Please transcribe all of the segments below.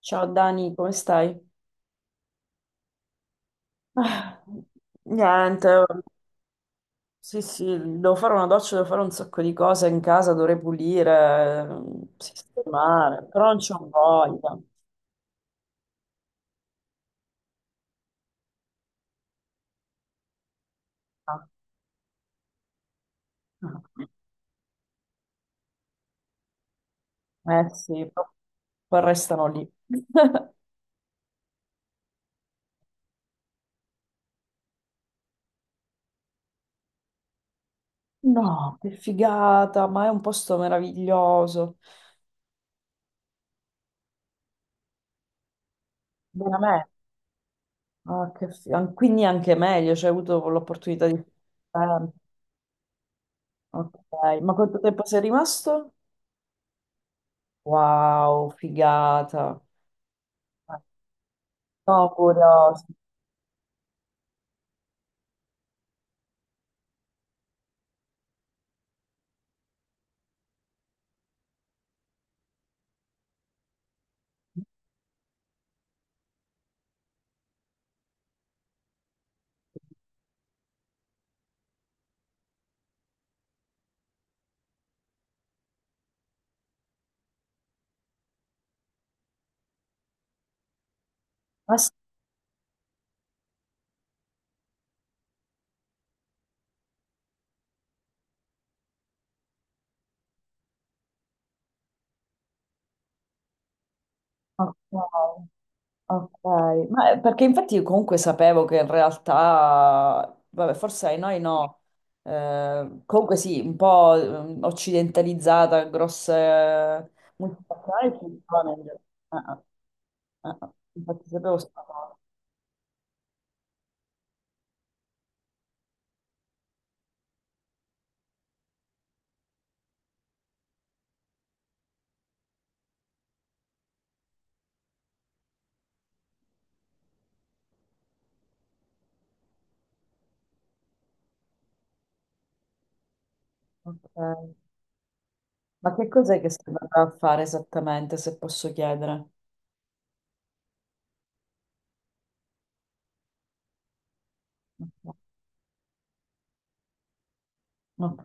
Ciao Dani, come stai? Ah, niente, sì, sì, devo fare una doccia, devo fare un sacco di cose in casa, dovrei pulire, sistemare, però non c'ho voglia. Ah, ah. Eh sì, però poi restano lì. No, che figata, ma è un posto meraviglioso. Veramente. Ah, quindi anche meglio, cioè, hai avuto l'opportunità di... ok, ma quanto tempo sei rimasto? Wow, figata. No, curioso. Ma sì, ok, ok. Perché infatti io comunque sapevo che in realtà, vabbè, forse ai noi no. Comunque sì, un po' occidentalizzata, grosse multinazionali ci sono in realtà. Infatti sapevo sta cosa. Ok. Ma che cos'è che stai andando a fare esattamente, se posso chiedere? Ok.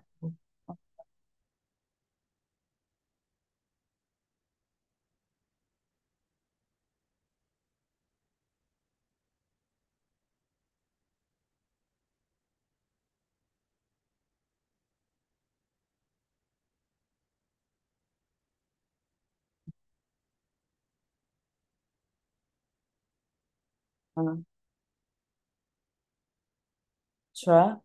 Ok. Cioè?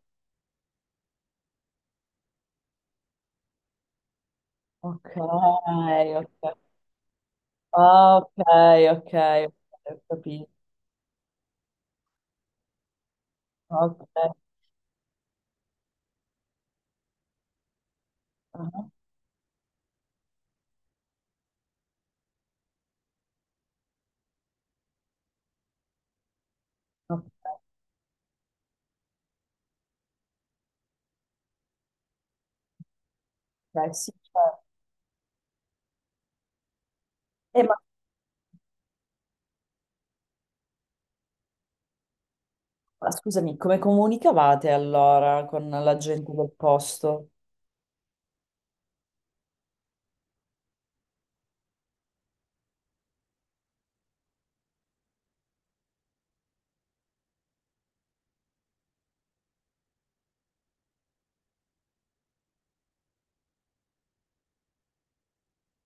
Ok, ok. Ah, ok, ok, ok, ho capito. Ok. Ah, ok, ok, sì, certo. Ma scusami, come comunicavate allora con la gente del posto?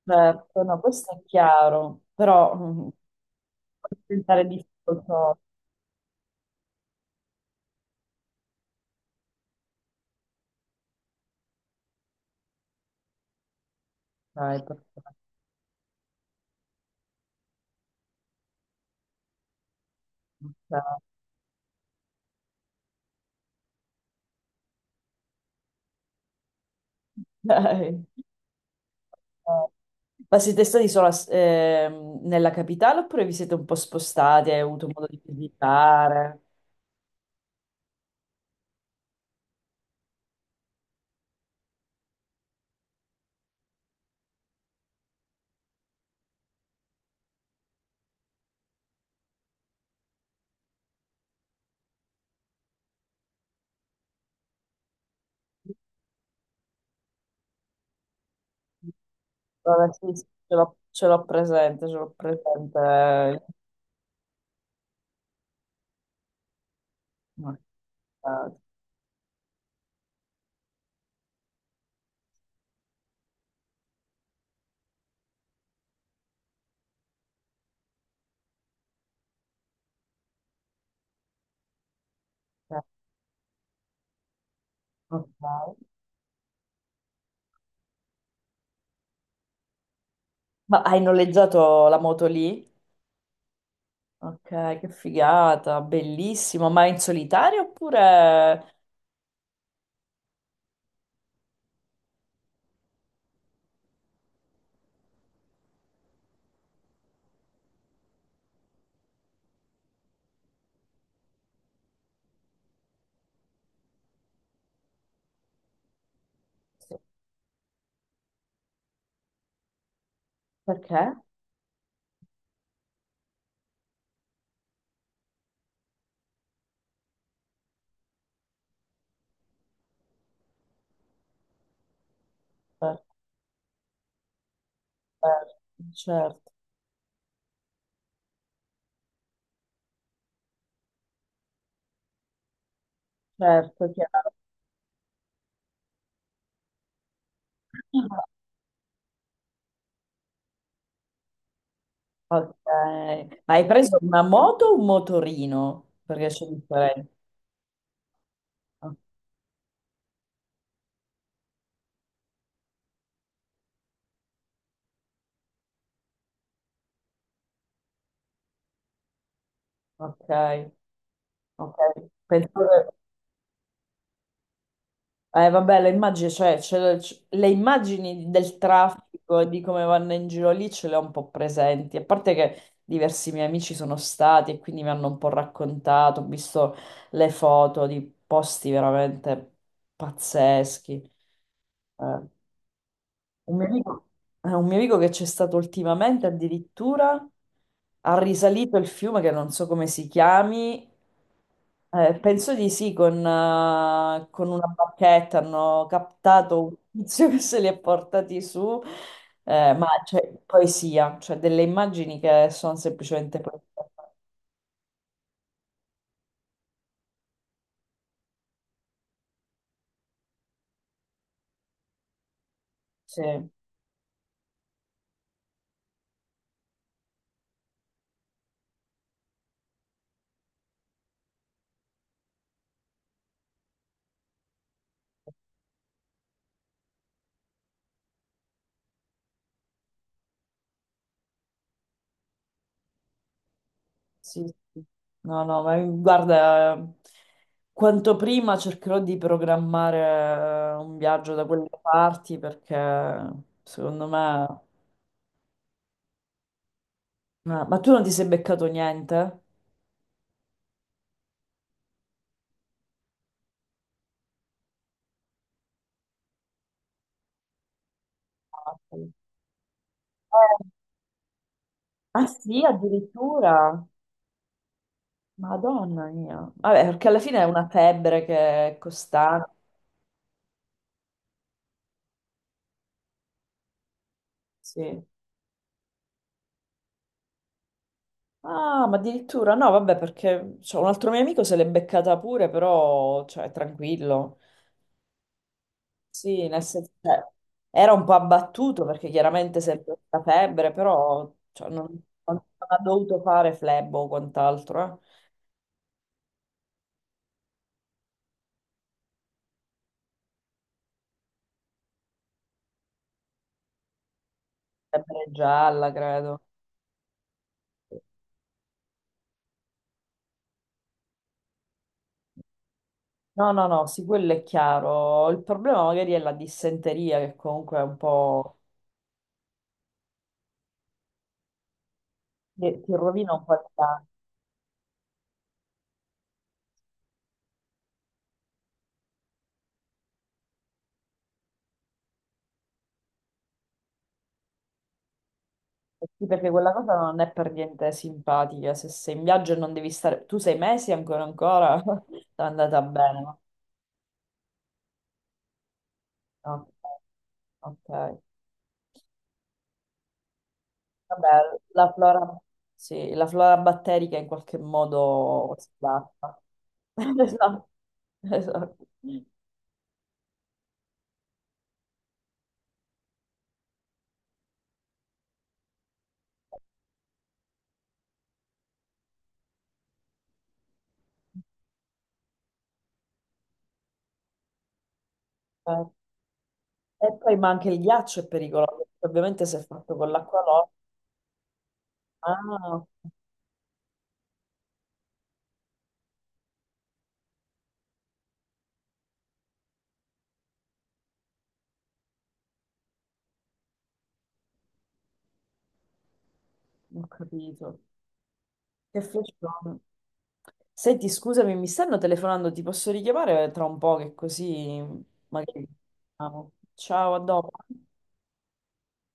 Certo, no, questo è chiaro, però posso diventare difficoltoso. Ok, perfetto. Ok. Ok. Ma siete stati solo nella capitale oppure vi siete un po' spostati e hai avuto modo di visitare? Vabbè, sì, sì, ce l'ho presente, ce l'ho presente. No, eh, ok. Ma hai noleggiato la moto lì? Ok, che figata, bellissimo. Ma in solitario oppure... Perché? Certo, certo, certo, chiaro. Ok. Ma hai preso una moto o un motorino? Perché c'è differenza. Ok, ok. Pensavo... vabbè, le immagini, cioè, le immagini del traffico e di come vanno in giro lì ce le ho un po' presenti, a parte che diversi miei amici sono stati e quindi mi hanno un po' raccontato, ho visto le foto di posti veramente pazzeschi. Eh, un mio amico, un mio amico che c'è stato ultimamente addirittura ha risalito il fiume che non so come si chiami, penso di sì, con una bacchetta hanno captato un tizio che se li ha portati su, ma c'è poesia, cioè delle immagini che sono semplicemente poesia. Sì, sì, sì. No, no, ma guarda, quanto prima cercherò di programmare un viaggio da quelle parti perché secondo me... Ma tu non ti sei beccato niente? Ah, sì. Eh, ah sì, addirittura. Madonna mia. Vabbè, perché alla fine è una febbre che è costante. Sì. Ah, ma addirittura no, vabbè, perché cioè, un altro mio amico se l'è beccata pure, però cioè, tranquillo. Sì, nel senso, cioè, era un po' abbattuto perché chiaramente sempre la febbre, però cioè, non, non ha dovuto fare flebo o quant'altro. Eh. Febbre gialla, credo. No, no, no, sì, quello è chiaro. Il problema magari è la dissenteria che comunque è un po', ti rovina un po' il piano. Eh sì, perché quella cosa non è per niente simpatica. Se sei in viaggio e non devi stare... Tu sei mesi ancora ancora? È andata bene, no? Ok, ok. Vabbè, la flora... Sì, la flora batterica in qualche modo si adatta. Esatto, esatto. Eh, e poi, ma anche il ghiaccio è pericoloso, perché ovviamente se è fatto con l'acqua no. Ah, ho capito. Che flash. Senti, scusami, mi stanno telefonando, ti posso richiamare tra un po' che così magari... Ah, ciao, a dopo.